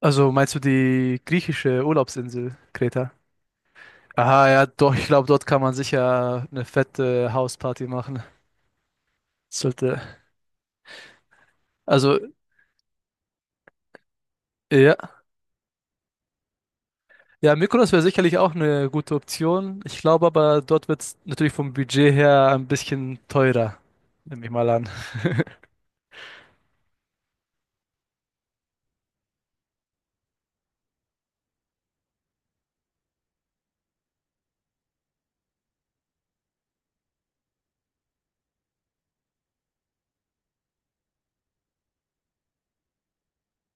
Also meinst du die griechische Urlaubsinsel, Kreta? Aha, ja, doch, ich glaube, dort kann man sicher eine fette Hausparty machen. Sollte. Also, ja. Ja, Mykonos wäre sicherlich auch eine gute Option. Ich glaube aber, dort wird es natürlich vom Budget her ein bisschen teurer, nehme ich mal an.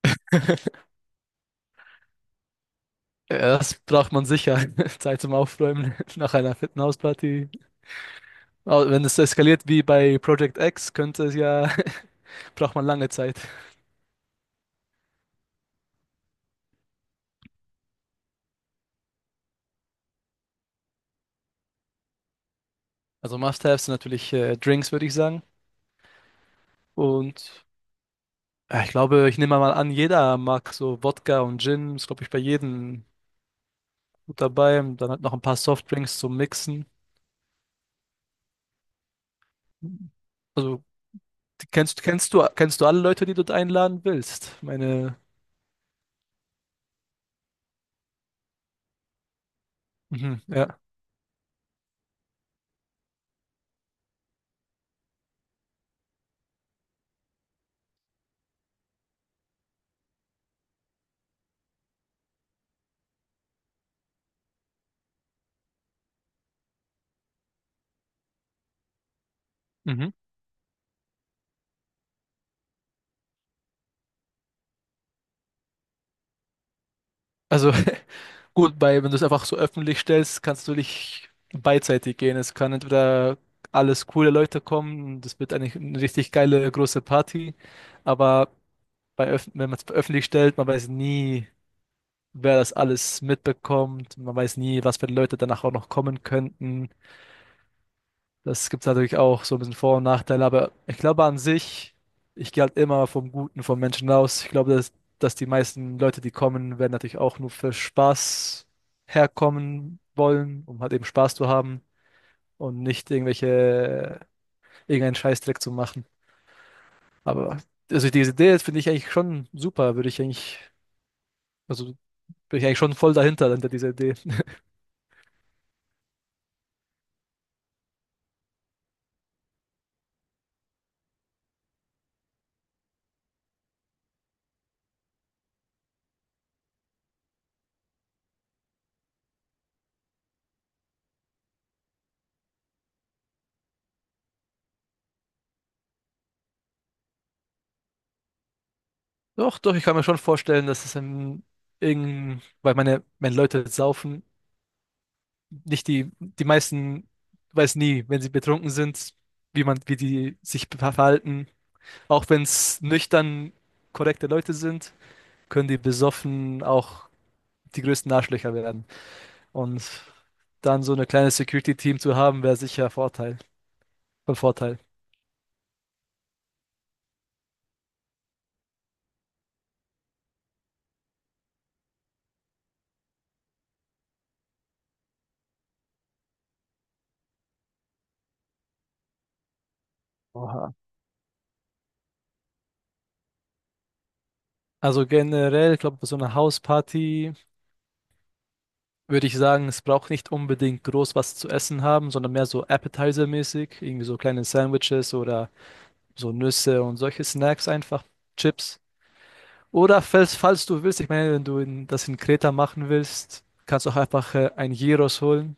Ja, das braucht man sicher. Zeit zum Aufräumen nach einer fetten Hausparty. Aber wenn es eskaliert wie bei Project X, könnte es ja, braucht man lange Zeit. Also Must-Haves sind natürlich Drinks, würde ich sagen. Und ja, ich glaube, ich nehme mal an, jeder mag so Wodka und Gin, ist, glaube ich, bei jedem gut dabei. Und dann halt noch ein paar Softdrinks zum Mixen. Also, die kennst du alle Leute, die du einladen willst? Meine, mhm, ja. Mhm. Also, gut, bei, wenn du es einfach so öffentlich stellst, kannst du nicht beidseitig gehen. Es kann entweder alles coole Leute kommen, das wird eigentlich eine richtig geile große Party, aber bei, wenn man es öffentlich stellt, man weiß nie, wer das alles mitbekommt. Man weiß nie, was für Leute danach auch noch kommen könnten. Das gibt es natürlich auch so ein bisschen Vor- und Nachteile, aber ich glaube an sich, ich gehe halt immer vom Guten vom Menschen aus. Ich glaube, dass die meisten Leute, die kommen, werden natürlich auch nur für Spaß herkommen wollen, um halt eben Spaß zu haben und nicht irgendwelche, irgendeinen Scheißdreck zu machen. Aber also diese Idee finde ich eigentlich schon super, würde ich eigentlich, also bin ich eigentlich schon voll dahinter, hinter dieser Idee. Doch, doch, ich kann mir schon vorstellen, dass weil meine, wenn Leute saufen, nicht die meisten weiß nie, wenn sie betrunken sind, wie die sich verhalten. Auch wenn es nüchtern korrekte Leute sind, können die besoffen auch die größten Arschlöcher werden. Und dann so ein kleines Security-Team zu haben, wäre sicher ein Vorteil. Von Vorteil. Oha. Also generell, glaube ich, bei so einer Hausparty würde ich sagen, es braucht nicht unbedingt groß was zu essen haben, sondern mehr so Appetizer-mäßig, irgendwie so kleine Sandwiches oder so Nüsse und solche Snacks einfach, Chips. Oder falls du willst, ich meine, wenn das in Kreta machen willst, kannst du auch einfach ein Gyros holen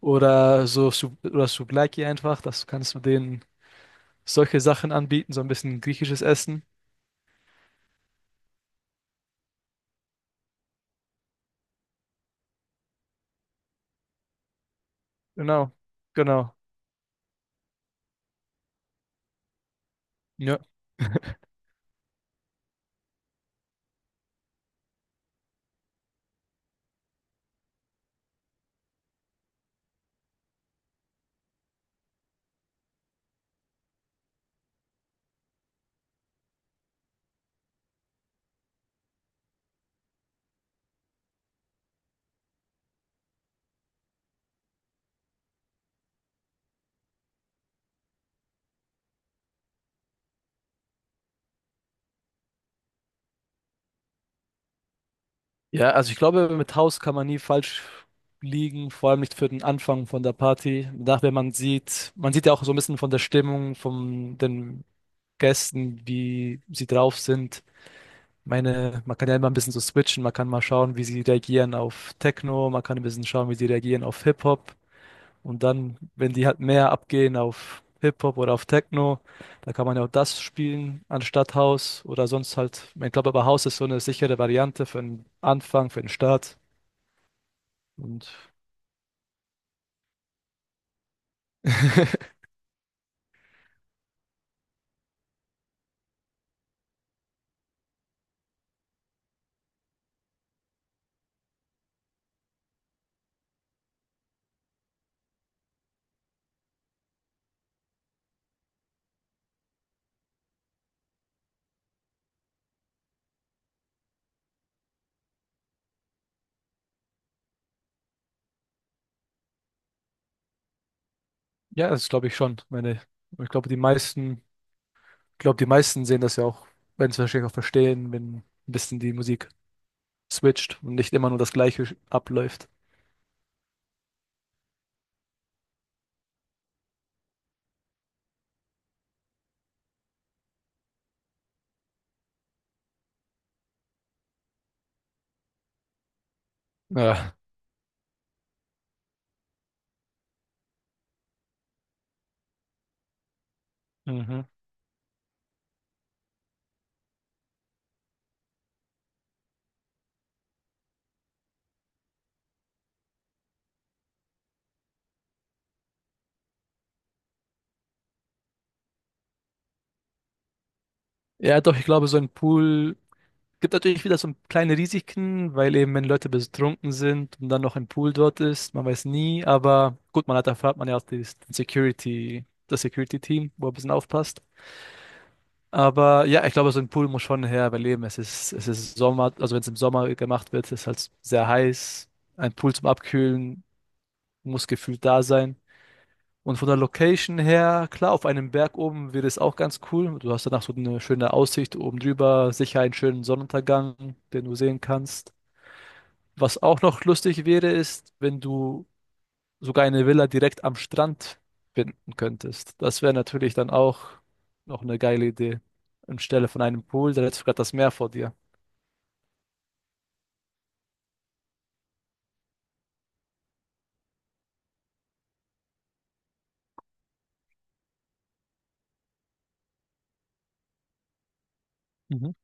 oder so oder Souvlaki einfach. Das kannst du denen solche Sachen anbieten, so ein bisschen griechisches Essen. Genau, genau. Ja. Ja, also ich glaube, mit Haus kann man nie falsch liegen, vor allem nicht für den Anfang von der Party. Nachher man sieht ja auch so ein bisschen von der Stimmung von den Gästen, wie sie drauf sind. Meine, man kann ja immer ein bisschen so switchen, man kann mal schauen, wie sie reagieren auf Techno, man kann ein bisschen schauen, wie sie reagieren auf Hip-Hop und dann, wenn die halt mehr abgehen auf Hip-Hop oder auf Techno, da kann man ja auch das spielen anstatt House oder sonst halt, ich glaube aber House ist so eine sichere Variante für den Anfang, für den Start und ja, das glaube ich schon. Meine, ich glaube, die meisten, ich glaube, die meisten sehen das ja auch, wenn sie es wahrscheinlich auch verstehen, wenn ein bisschen die Musik switcht und nicht immer nur das Gleiche abläuft. Ja. Mhm. Ja, doch, ich glaube, so ein Pool gibt natürlich wieder so kleine Risiken, weil eben, wenn Leute betrunken sind und dann noch ein Pool dort ist, man weiß nie, aber gut, man hat, erfahrt man ja auch das Security-Team, wo ein bisschen aufpasst. Aber ja, ich glaube, so ein Pool muss schon her, weil eben, es ist Sommer, also wenn es im Sommer gemacht wird, ist halt sehr heiß. Ein Pool zum Abkühlen muss gefühlt da sein. Und von der Location her, klar, auf einem Berg oben wäre es auch ganz cool. Du hast danach so eine schöne Aussicht oben drüber, sicher einen schönen Sonnenuntergang, den du sehen kannst. Was auch noch lustig wäre, ist, wenn du sogar eine Villa direkt am Strand finden könntest. Das wäre natürlich dann auch noch eine geile Idee. Anstelle von einem Pool, da hättest du gerade das Meer vor dir. Mhm.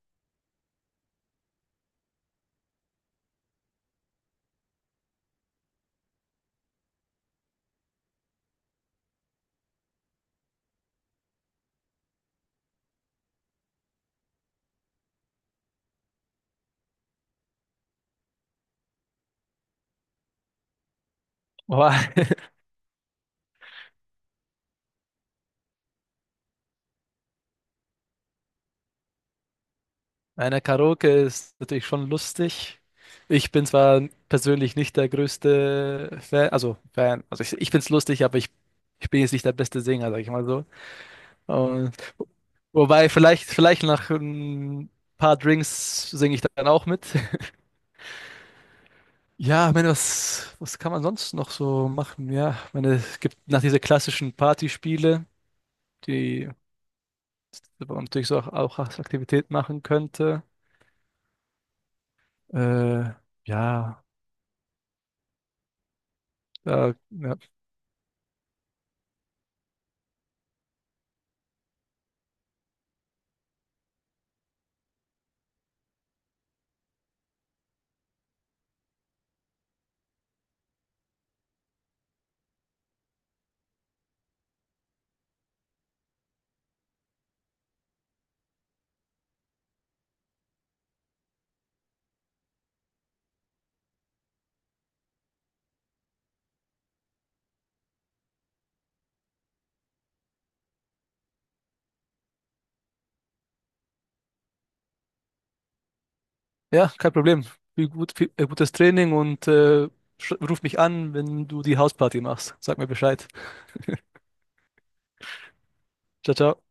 Wow. Einer Karaoke ist natürlich schon lustig. Ich bin zwar persönlich nicht der größte Fan, also ich find's lustig, aber ich bin jetzt nicht der beste Sänger, sag ich mal so. Und, wobei, vielleicht nach ein paar Drinks singe ich dann auch mit. Ja, ich meine, was kann man sonst noch so machen? Ja, ich meine, es gibt nach diese klassischen Partyspiele, die man natürlich so auch als Aktivität machen könnte. Äh, ja, da, ja. Ja, kein Problem. Viel gut, viel, gutes Training und ruf mich an, wenn du die Hausparty machst. Sag mir Bescheid. Ciao, ciao.